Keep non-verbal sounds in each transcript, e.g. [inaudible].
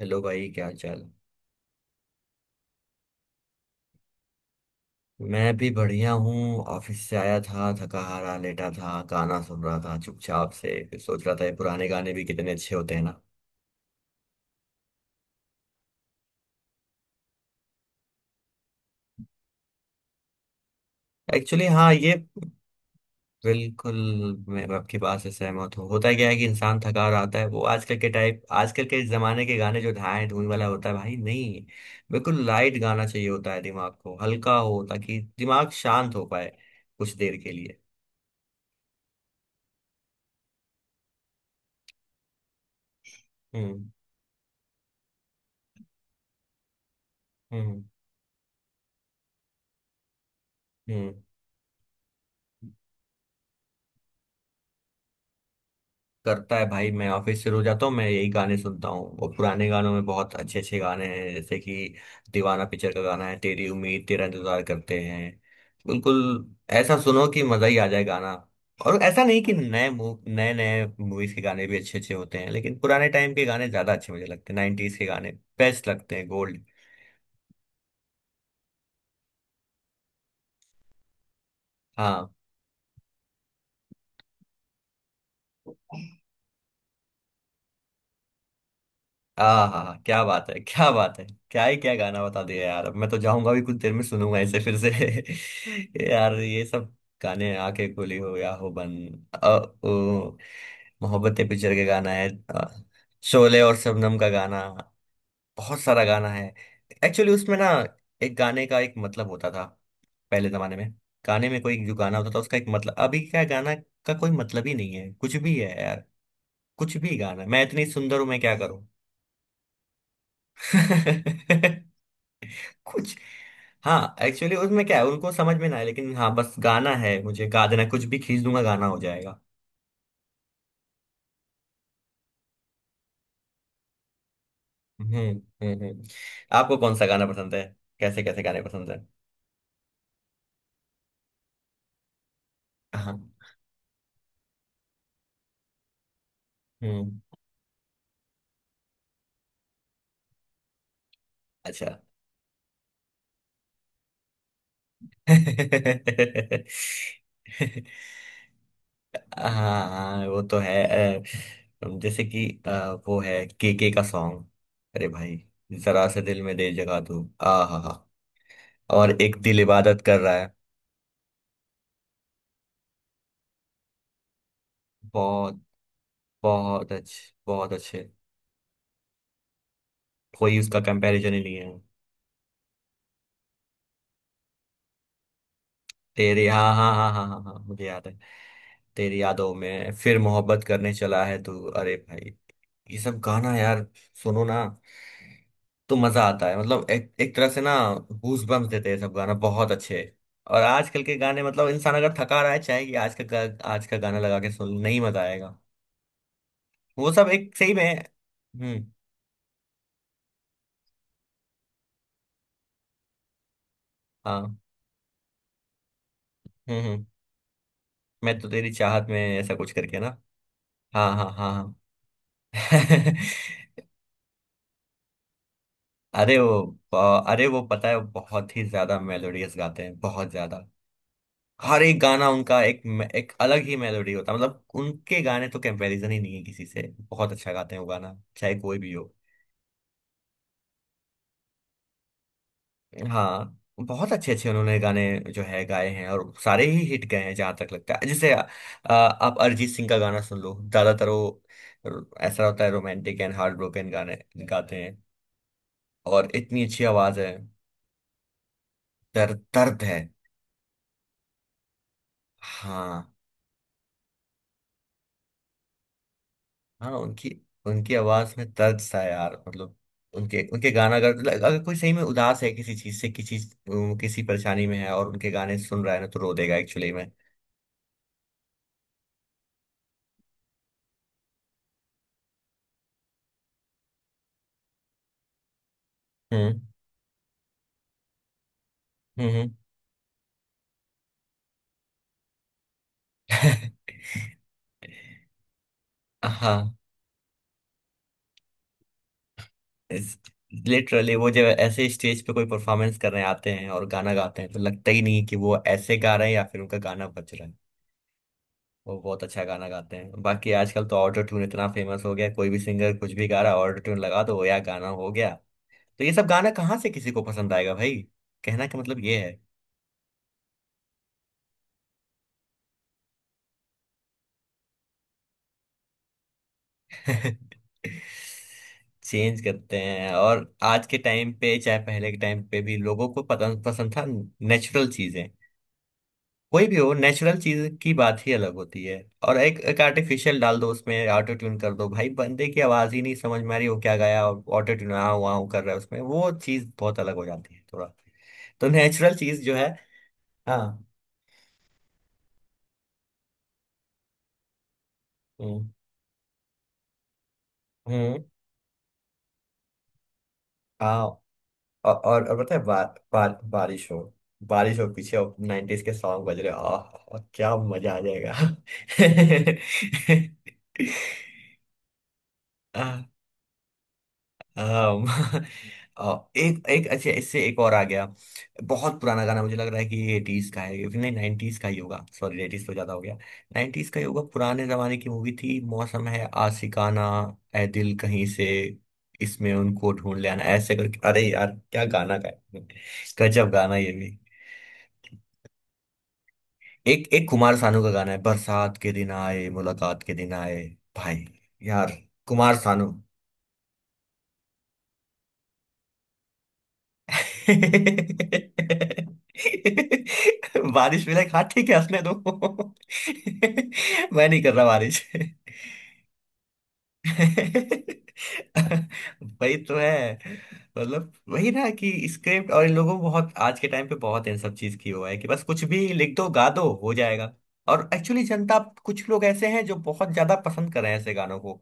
Hello भाई, क्या हाल चाल। मैं भी बढ़िया हूँ। ऑफिस से आया था, थका हारा लेटा था, गाना सुन रहा था चुपचाप से। फिर सोच रहा था, ये पुराने गाने भी कितने अच्छे होते हैं ना। एक्चुअली हाँ ये, बिल्कुल। मैं आपकी बात से सहमत हूँ। होता क्या है कि इंसान थका हारा आता है, वो आजकल के टाइप आजकल के जमाने के गाने जो ढाए धून वाला होता है, भाई नहीं। बिल्कुल लाइट गाना चाहिए होता है, दिमाग को हल्का हो ताकि दिमाग शांत हो पाए कुछ देर के लिए। हम्म, हम्म, हम्म। करता है भाई। मैं ऑफिस से रोज आता हूँ, मैं यही गाने सुनता हूँ। और पुराने गानों में बहुत अच्छे अच्छे गाने हैं। जैसे कि दीवाना पिक्चर का गाना है, तेरी उम्मीद तेरा इंतजार करते हैं। बिल्कुल ऐसा, सुनो कि मजा ही आ जाए गाना। और ऐसा नहीं कि नए नए नए मूवीज के गाने भी अच्छे अच्छे होते हैं, लेकिन पुराने टाइम के गाने ज्यादा अच्छे मुझे लगते हैं। 90s के गाने बेस्ट लगते हैं, गोल्ड। हाँ, हाँ, हाँ, क्या बात है, क्या बात है। क्या ही, क्या गाना बता दिया यार। अब मैं तो जाऊंगा भी, कुछ देर में सुनूंगा इसे फिर से। [laughs] यार ये सब गाने, आके खुली हो या हो बन। अ, ओ, मोहब्बतें पिक्चर के गाना है। शोले और शबनम का गाना, बहुत सारा गाना है। एक्चुअली उसमें ना, एक गाने का एक मतलब होता था पहले जमाने में। गाने में कोई जो गाना होता था, उसका एक मतलब। अभी क्या गाना का कोई मतलब ही नहीं है, कुछ भी है यार। कुछ भी गाना, मैं इतनी सुंदर हूं मैं क्या करूं। [laughs] कुछ, हाँ एक्चुअली उसमें क्या है उनको समझ में ना है, लेकिन हाँ बस गाना है, मुझे गा देना कुछ भी, खींच दूंगा गाना हो जाएगा। हम्म, हम्म, आपको कौन सा गाना पसंद है, कैसे कैसे गाने पसंद है? हाँ। हम्म। अच्छा। [laughs] हाँ, हाँ, वो तो है। अ, जैसे कि वो है के का सॉन्ग, अरे भाई, जरा से दिल में दे जगह तू आ हा हा। और एक, दिल इबादत कर रहा है। बहुत, बहुत अच्छे, बहुत अच्छे। कोई उसका कंपैरिजन ही नहीं है। तेरी, हाँ, हाँ, हाँ, हाँ, हाँ, हाँ, मुझे याद है। तेरी यादों में फिर, मोहब्बत करने चला है तू, अरे भाई। ये सब गाना यार, सुनो ना, तो मजा आता है। मतलब एक एक तरह से ना गूज बम्स देते हैं, सब गाना बहुत अच्छे। और आजकल के गाने, मतलब इंसान अगर थका रहा है, चाहे कि आज का आज का गाना लगा के सुन, नहीं मजा आएगा। वो सब एक, सही में। हम्म। हाँ। हम्म, हम्म। मैं तो तेरी चाहत में, ऐसा कुछ करके ना। हाँ, हाँ, हाँ, हाँ। [laughs] अरे वो, अरे वो पता है, वो बहुत ही ज्यादा मेलोडियस गाते हैं, बहुत ज्यादा। हर एक गाना उनका एक, एक अलग ही मेलोडी होता है। मतलब उनके गाने तो कंपैरिजन ही नहीं है किसी से। बहुत अच्छा गाते हैं वो, गाना चाहे कोई भी हो। हाँ, बहुत अच्छे अच्छे उन्होंने गाने जो है गाए हैं, और सारे ही हिट गए हैं जहां तक लगता है। जैसे आप अरिजीत सिंह का गाना सुन लो, ज्यादातर वो ऐसा होता है, रोमांटिक एंड हार्ट ब्रोकन गाने गाते हैं। और इतनी अच्छी आवाज है, दर्द, दर्द है। हाँ। हाँ उनकी, उनकी आवाज में दर्द सा है यार। मतलब उनके, उनके गाना अगर अगर कोई सही में उदास है किसी चीज से, किसी किसी परेशानी में है और उनके गाने सुन रहा है ना, तो रो देगा एक्चुअली में। हम्म, हम्म, हम्म। [laughs] हाँ। लिटरली वो जब ऐसे स्टेज पे कोई परफॉर्मेंस करने आते हैं और गाना गाते हैं, तो लगता ही नहीं कि वो ऐसे गा रहे हैं या फिर उनका गाना बज रहा है। वो बहुत अच्छा गाना गाते हैं। बाकी आजकल तो ऑटो ट्यून इतना फेमस हो गया है, कोई भी सिंगर कुछ भी गा रहा है, ऑटो ट्यून लगा दो या गाना हो गया। तो ये सब गाना कहाँ से किसी को पसंद आएगा भाई? कहना का मतलब ये है। [laughs] चेंज करते हैं, और आज के टाइम पे, चाहे पहले के टाइम पे भी लोगों को पसंद, पसंद था। नेचुरल चीजें कोई भी हो, नेचुरल चीज की बात ही अलग होती है। और एक, एक आर्टिफिशियल डाल दो, उसमें ऑटो ट्यून कर दो, भाई बंदे की आवाज ही नहीं समझ में आ रही, हो क्या गाया और ऑटो ट्यून आ हुआ कर रहा है उसमें, वो चीज बहुत अलग हो जाती है, थोड़ा। तो नेचुरल चीज जो है। हाँ। हम्म, हम्म। और और पता है, बार, बार, बारिश हो, बारिश हो पीछे, 90s के सॉन्ग बज रहे, आह क्या मजा आ जाएगा। [laughs] आह, आम, एक, एक अच्छा इससे एक और आ गया। बहुत पुराना गाना मुझे लग रहा है कि ये 80s का है, ये नहीं, 90s का ही होगा। सॉरी, 80s तो ज्यादा हो गया, 90s का ही होगा। पुराने जमाने की मूवी थी, मौसम है आशिकाना, ए दिल कहीं से इसमें उनको ढूंढ ले आना, ऐसे करके, अरे यार, क्या गाना गाया। गजब गाना ये भी। एक, एक कुमार सानू का गाना है, बरसात के दिन आए, मुलाकात के दिन आए। भाई यार, कुमार सानू। [laughs] बारिश मिले खा, ठीक है हंसने दो। [laughs] मैं नहीं कर रहा बारिश। [laughs] [laughs] वही तो है। मतलब वही ना कि स्क्रिप्ट, और इन लोगों को बहुत आज के टाइम पे बहुत इन सब चीज की हुआ है, कि बस कुछ भी लिख दो, गा दो, हो जाएगा। और एक्चुअली जनता, कुछ लोग ऐसे हैं जो बहुत ज्यादा पसंद कर रहे हैं ऐसे गानों को।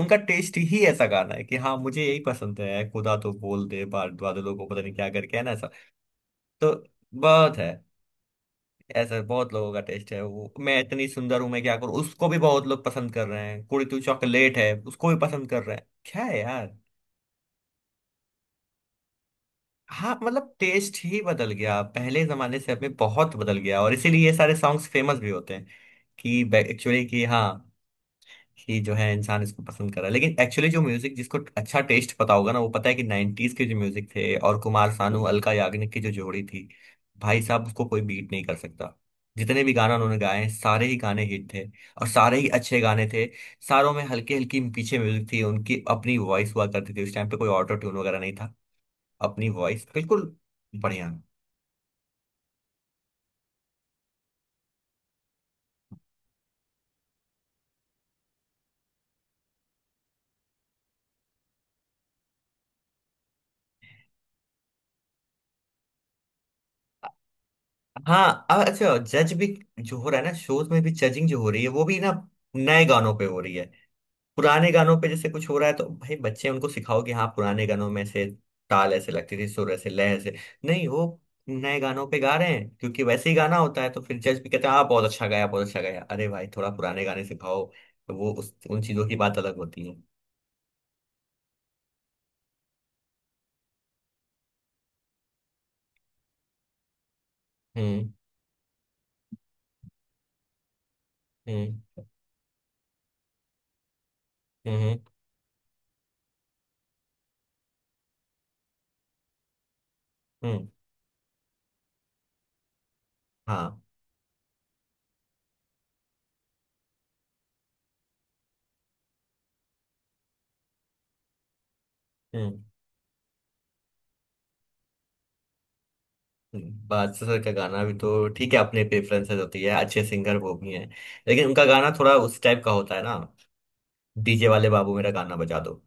उनका टेस्ट ही ऐसा गाना है कि हाँ मुझे यही पसंद है, खुदा तो बोल दे बाद बादलों को, पता नहीं क्या करके है ना, ऐसा। तो बहुत है, ऐसा बहुत लोगों का टेस्ट है। वो मैं इतनी सुंदर हूं मैं क्या करूं, उसको भी बहुत लोग पसंद कर रहे हैं। कुड़ी तू चॉकलेट है, उसको भी पसंद कर रहे हैं, क्या है यार। हाँ मतलब टेस्ट ही बदल गया, पहले जमाने से अब में बहुत बदल गया, और इसीलिए ये सारे सॉन्ग्स फेमस भी होते हैं। कि एक्चुअली कि हाँ, कि जो है इंसान इसको पसंद कर रहा है। लेकिन एक्चुअली जो म्यूजिक, जिसको अच्छा टेस्ट पता होगा ना, वो पता है कि 90s के जो म्यूजिक थे, और कुमार सानू अलका याग्निक की जो जोड़ी थी, भाई साहब उसको कोई बीट नहीं कर सकता। जितने भी गाना उन्होंने गाए हैं, सारे ही गाने हिट थे, और सारे ही अच्छे गाने थे। सारों में हल्की हल्की पीछे म्यूजिक थी, उनकी अपनी वॉइस हुआ करती थी, उस टाइम पे कोई ऑटो ट्यून वगैरह नहीं था। अपनी वॉइस, बिल्कुल बढ़िया। हाँ अब अच्छा, जज भी जो हो रहा है ना, शोज में भी जजिंग जो हो रही है, वो भी ना नए गानों पे हो रही है। पुराने गानों पे जैसे कुछ हो रहा है, तो भाई बच्चे उनको सिखाओ कि हाँ पुराने गानों में से ताल ऐसे लगती थी, सुर ऐसे, लय ऐसे। नहीं, वो नए गानों पे गा रहे हैं क्योंकि वैसे ही गाना होता है, तो फिर जज भी कहते हैं हाँ बहुत अच्छा गाया, बहुत अच्छा गाया। अरे भाई, थोड़ा पुराने गाने सिखाओ, तो वो, उस उन चीजों की बात अलग होती है। हम्म, हम्म, हम्म, हम्म। हाँ। हम्म, बादशाह सर का गाना भी तो ठीक है, अपने प्रेफरेंसेस होती है, अच्छे सिंगर वो भी हैं। लेकिन उनका गाना थोड़ा उस टाइप का होता है ना, डीजे वाले बाबू मेरा गाना बजा दो।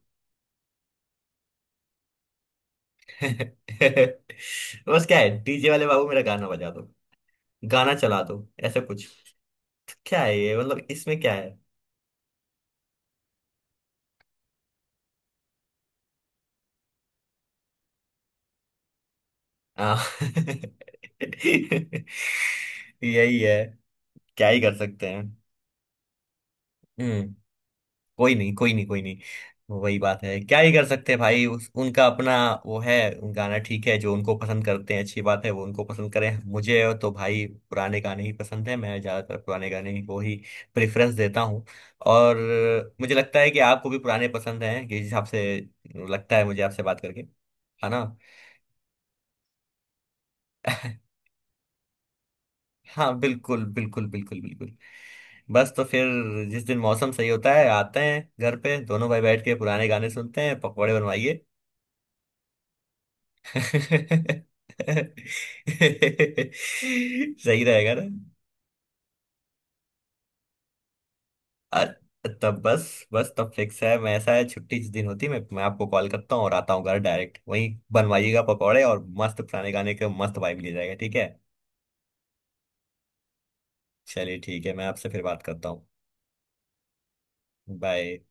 [laughs] बस क्या है, डीजे वाले बाबू मेरा गाना बजा दो, गाना चला दो, ऐसा कुछ। क्या है ये, मतलब इसमें क्या है? हाँ। [laughs] यही है, क्या ही कर सकते हैं। हम्म। कोई नहीं, कोई नहीं, कोई नहीं। वही बात है, क्या ही कर सकते हैं भाई। उनका अपना वो है, उनका गाना ठीक है। जो उनको पसंद करते हैं अच्छी बात है, वो उनको पसंद करें। मुझे तो भाई पुराने गाने ही पसंद है, मैं ज्यादातर पुराने गाने ही को ही प्रेफरेंस देता हूँ। और मुझे लगता है कि आपको भी पुराने पसंद हैं, कि जिस हिसाब से लगता है मुझे आपसे बात करके, है ना। [laughs] हाँ बिल्कुल, बिल्कुल, बिल्कुल, बिल्कुल। बस तो फिर, जिस दिन मौसम सही होता है, आते हैं घर पे, दोनों भाई बैठ के पुराने गाने सुनते हैं, पकौड़े बनवाइए। [laughs] सही रहेगा ना। अ- तब बस, बस तब फिक्स है। मैं ऐसा है, छुट्टी जिस दिन होती है, मैं आपको कॉल करता हूँ और आता हूँ घर डायरेक्ट, वहीं बनवाइएगा पकौड़े और मस्त पुराने गाने के मस्त वाइब ले जाएगा, ठीक है। चलिए ठीक है, मैं आपसे फिर बात करता हूँ। बाय।